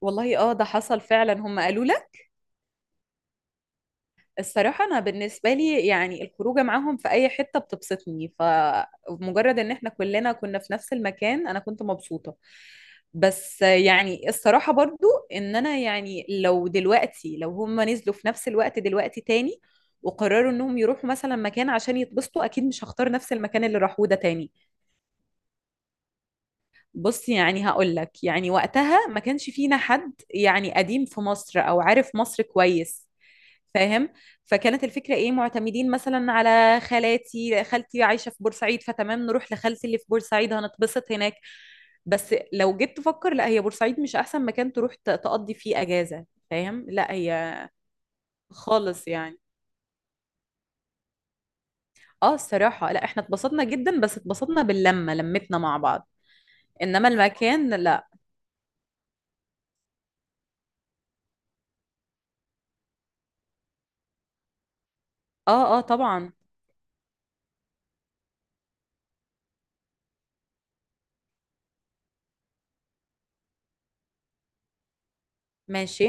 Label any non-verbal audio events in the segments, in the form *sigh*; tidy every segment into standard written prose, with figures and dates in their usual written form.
والله ده حصل فعلا، هم قالوا لك. الصراحة أنا بالنسبة لي يعني الخروجة معاهم في أي حتة بتبسطني، فمجرد إن احنا كلنا كنا في نفس المكان أنا كنت مبسوطة. بس يعني الصراحة برضو إن أنا يعني لو دلوقتي لو هم نزلوا في نفس الوقت دلوقتي تاني وقرروا إنهم يروحوا مثلا مكان عشان يتبسطوا، أكيد مش هختار نفس المكان اللي راحوه ده تاني. بص يعني هقول لك، يعني وقتها ما كانش فينا حد يعني قديم في مصر أو عارف مصر كويس، فاهم؟ فكانت الفكره ايه، معتمدين مثلا على خالاتي، خالتي عايشه في بورسعيد فتمام نروح لخالتي اللي في بورسعيد هنتبسط هناك. بس لو جيت تفكر لا، هي بورسعيد مش احسن مكان تروح تقضي فيه اجازه، فاهم؟ لا هي خالص يعني. اه الصراحه لا احنا اتبسطنا جدا، بس اتبسطنا باللمه، لمتنا مع بعض، انما المكان لا. اه اه طبعا. ماشي.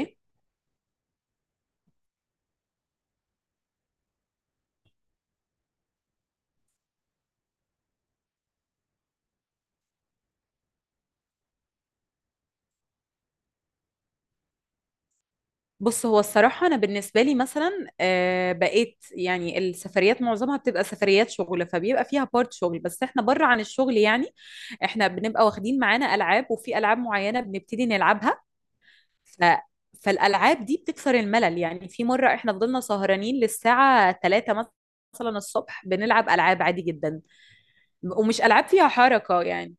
بص، هو الصراحة أنا بالنسبة لي مثلا بقيت يعني السفريات معظمها بتبقى سفريات شغل، فبيبقى فيها بارت شغل. بس احنا بره عن الشغل يعني، احنا بنبقى واخدين معانا ألعاب، وفي ألعاب معينة بنبتدي نلعبها. ف... فالألعاب دي بتكسر الملل، يعني في مرة احنا فضلنا سهرانين للساعة 3، مثلا الصبح بنلعب ألعاب عادي جدا، ومش ألعاب فيها حركة يعني.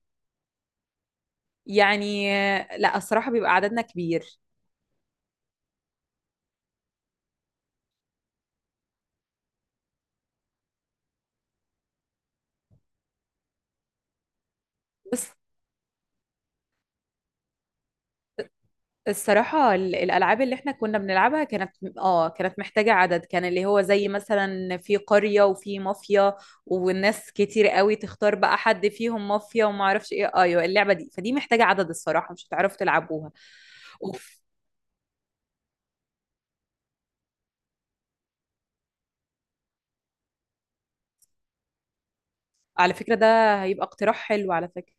يعني لا الصراحة بيبقى عددنا كبير. بس الصراحة الألعاب اللي احنا كنا بنلعبها كانت، اه كانت محتاجة عدد، كان اللي هو زي مثلا في قرية وفي مافيا، والناس كتير قوي تختار بقى حد فيهم مافيا وما اعرفش ايه، ايوه اللعبة دي. فدي محتاجة عدد الصراحة، مش هتعرفوا تلعبوها. اوف، على فكرة ده هيبقى اقتراح حلو على فكرة.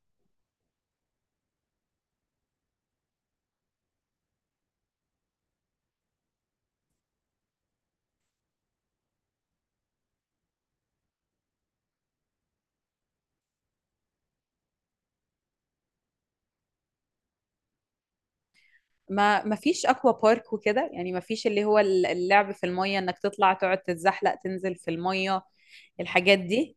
ما فيش اكوا بارك وكده، يعني ما فيش اللي هو اللعب في المية، انك تطلع تقعد تتزحلق تنزل في المية، الحاجات دي.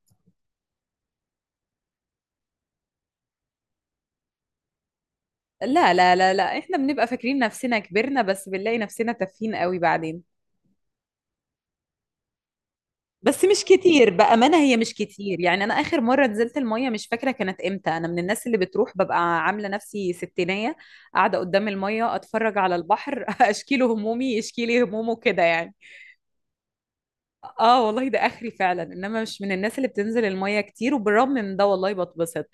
لا لا لا لا، احنا بنبقى فاكرين نفسنا كبرنا، بس بنلاقي نفسنا تافهين قوي بعدين. بس مش كتير بأمانة، هي مش كتير، يعني انا اخر مرة نزلت المية مش فاكرة كانت امتى. انا من الناس اللي بتروح ببقى عاملة نفسي ستينية قاعدة قدام المية، اتفرج على البحر *laughs* اشكيله همومي يشكيلي همومه كده يعني. اه والله ده اخري فعلا، انما مش من الناس اللي بتنزل المية كتير، وبالرغم من ده والله بتبسط.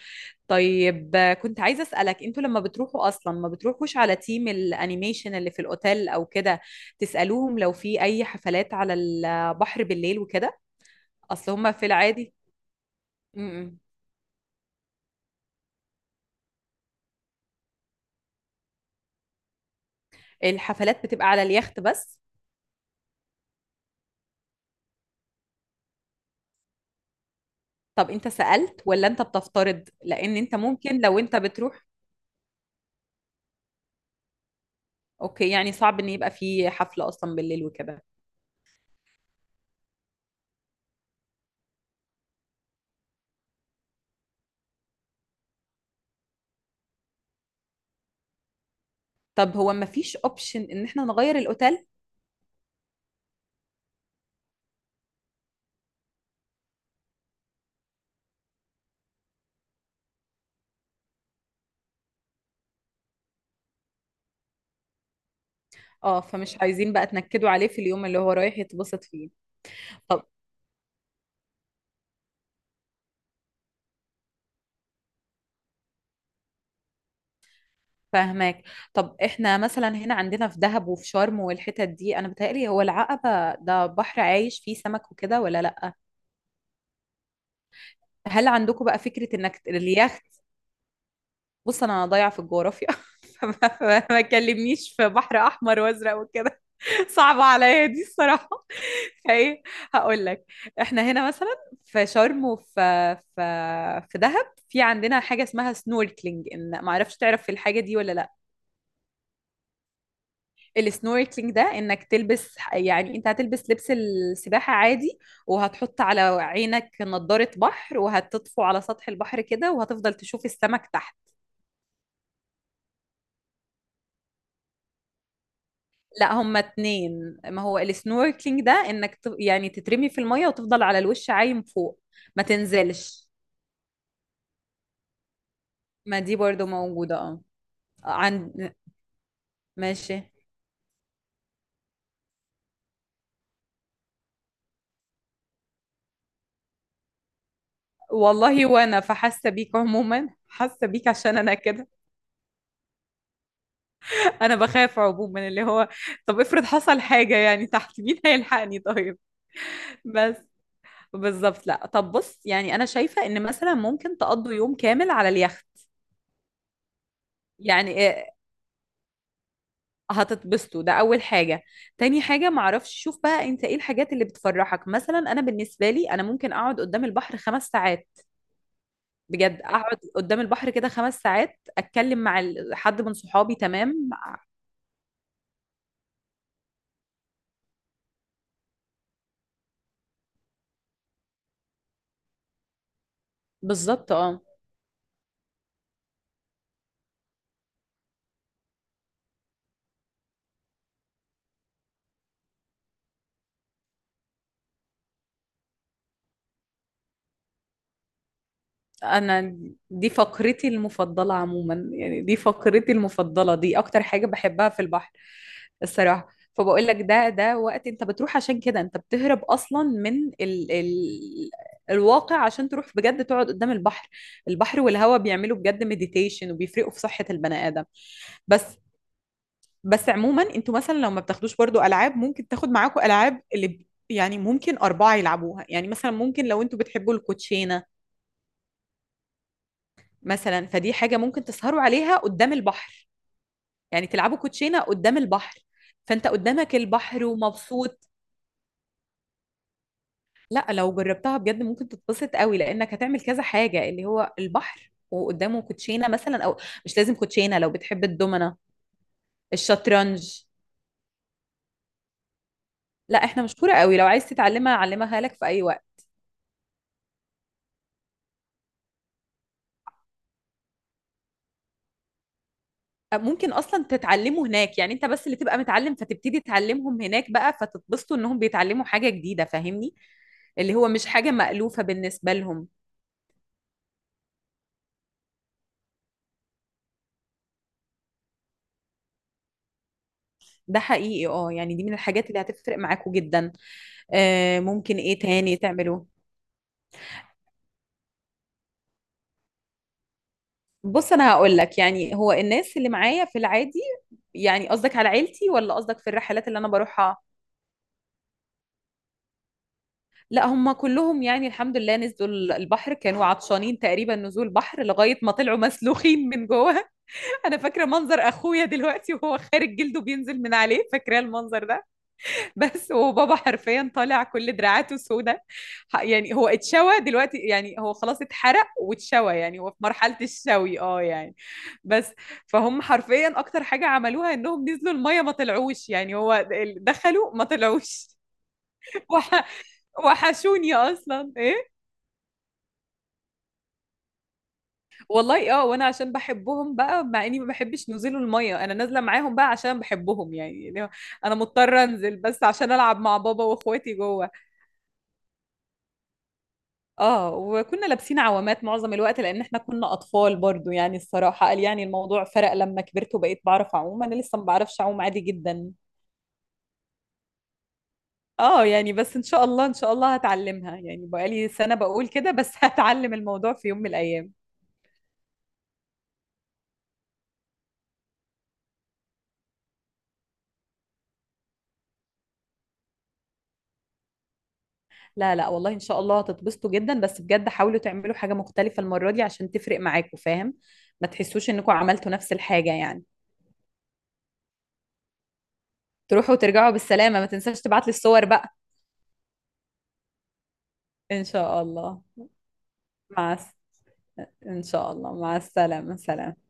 طيب كنت عايزة اسألك، انتوا لما بتروحوا اصلا ما بتروحوش على تيم الانيميشن اللي في الاوتيل او كده تسألوهم لو في اي حفلات على البحر بالليل وكده؟ اصل هما في العادي. م-م. الحفلات بتبقى على اليخت بس. طب انت سألت ولا انت بتفترض؟ لان انت ممكن لو انت بتروح. اوكي، يعني صعب ان يبقى في حفلة اصلا بالليل وكده. طب هو ما فيش اوبشن ان احنا نغير الاوتيل؟ اه، فمش عايزين بقى تنكدوا عليه في اليوم اللي هو رايح يتبسط فيه. طب فاهماك. طب احنا مثلا هنا عندنا في دهب وفي شرم والحتت دي، انا بتهيألي هو العقبة ده بحر عايش فيه سمك وكده، ولا لأ؟ هل عندكم بقى فكرة انك اليخت. بص انا ضايعة في الجغرافيا *laughs* فما ما تكلمنيش في بحر احمر وازرق وكده *laughs* صعبة عليا دي الصراحة *laughs* فايه، هقول لك، احنا هنا مثلا في شرم وفي في في دهب، في عندنا حاجة اسمها سنوركلينج، ان ما اعرفش تعرف في الحاجة دي ولا لا. السنوركلينج ده انك تلبس، يعني انت هتلبس لبس السباحة عادي، وهتحط على عينك نضارة بحر، وهتطفو على سطح البحر كده وهتفضل تشوف السمك تحت. لا هما اتنين، ما هو السنوركلينج ده انك يعني تترمي في المية وتفضل على الوش عايم فوق، ما تنزلش. ما دي برضو موجودة اه عند. ماشي. والله وانا فحاسة بيك عموما، حاسة بيك عشان انا كده *laughs* انا بخاف عموما اللي هو، طب افرض حصل حاجة يعني تحت، مين هيلحقني طيب؟ بس بالظبط، لا طب بص، يعني انا شايفة ان مثلا ممكن تقضوا يوم كامل على اليخت. يعني إيه، هتتبسطوا، ده اول حاجة. تاني حاجة معرفش، شوف بقى انت ايه الحاجات اللي بتفرحك. مثلا انا بالنسبة لي انا ممكن اقعد قدام البحر خمس ساعات، بجد اقعد قدام البحر كده خمس ساعات اتكلم مع حد من صحابي تمام. بالظبط اه، انا دي فقرتي المفضله عموما، يعني دي فقرتي المفضله، دي اكتر حاجه بحبها في البحر، الصراحه. فبقول لك ده وقت انت بتروح عشان كده، انت بتهرب اصلا من ال ال الواقع، عشان تروح بجد تقعد قدام البحر. البحر والهواء بيعملوا بجد مديتيشن، وبيفرقوا في صحة البني آدم. بس بس عموما انتوا مثلا لو ما بتاخدوش برضو العاب، ممكن تاخد معاكم العاب اللي يعني ممكن اربعه يلعبوها، يعني مثلا ممكن لو انتوا بتحبوا الكوتشينه مثلا، فدي حاجه ممكن تسهروا عليها قدام البحر، يعني تلعبوا كوتشينه قدام البحر، فانت قدامك البحر ومبسوط. لا لو جربتها بجد ممكن تتبسط قوي، لانك هتعمل كذا حاجه اللي هو البحر وقدامه كوتشينه مثلا، او مش لازم كوتشينه، لو بتحب الدومنه الشطرنج. لا احنا مشهوره قوي، لو عايز تتعلمها اعلمها لك في اي وقت. ممكن اصلا تتعلموا هناك، يعني انت بس اللي تبقى متعلم فتبتدي تعلمهم هناك بقى، فتتبسطوا انهم بيتعلموا حاجة جديدة، فاهمني؟ اللي هو مش حاجة مألوفة بالنسبة لهم. ده حقيقي اه، يعني دي من الحاجات اللي هتفرق معاكوا جدا. آه ممكن ايه تاني تعملوه. بص انا هقول لك، يعني هو الناس اللي معايا في العادي، يعني قصدك على عيلتي ولا قصدك في الرحلات اللي انا بروحها؟ لا هم كلهم، يعني الحمد لله نزلوا البحر، كانوا عطشانين تقريبا نزول بحر لغاية ما طلعوا مسلوخين من جوه. انا فاكره منظر اخويا دلوقتي وهو خارج جلده بينزل من عليه، فاكره المنظر ده. بس وبابا حرفيا طالع كل دراعاته سوداء، يعني هو اتشوى دلوقتي، يعني هو خلاص اتحرق واتشوى، يعني هو في مرحله الشوي اه يعني. بس، فهم حرفيا اكتر حاجه عملوها انهم نزلوا الميه ما طلعوش، يعني هو دخلوا ما طلعوش *laughs* وح- وحشوني اصلا. والله اه، وانا عشان بحبهم بقى، مع اني ما بحبش نزول الميه، انا نازله معاهم بقى عشان بحبهم يعني، انا مضطره انزل بس عشان العب مع بابا واخواتي جوه. اه وكنا لابسين عوامات معظم الوقت، لان احنا كنا اطفال برضو يعني. الصراحه قال يعني، الموضوع فرق لما كبرت وبقيت بعرف اعوم، انا لسه ما بعرفش اعوم عادي جدا اه يعني. بس ان شاء الله ان شاء الله هتعلمها، يعني بقالي سنه بقول كده بس *laughs* هتعلم الموضوع في يوم من الايام. لا لا والله ان شاء الله هتتبسطوا جدا، بس بجد حاولوا تعملوا حاجة مختلفة المرة دي عشان تفرق معاكم، فاهم؟ ما تحسوش انكم عملتوا نفس الحاجة يعني. تروحوا وترجعوا بالسلامة، ما تنساش تبعت لي الصور بقى. ان شاء الله. مع الس- ان شاء الله، مع السلامة، سلام.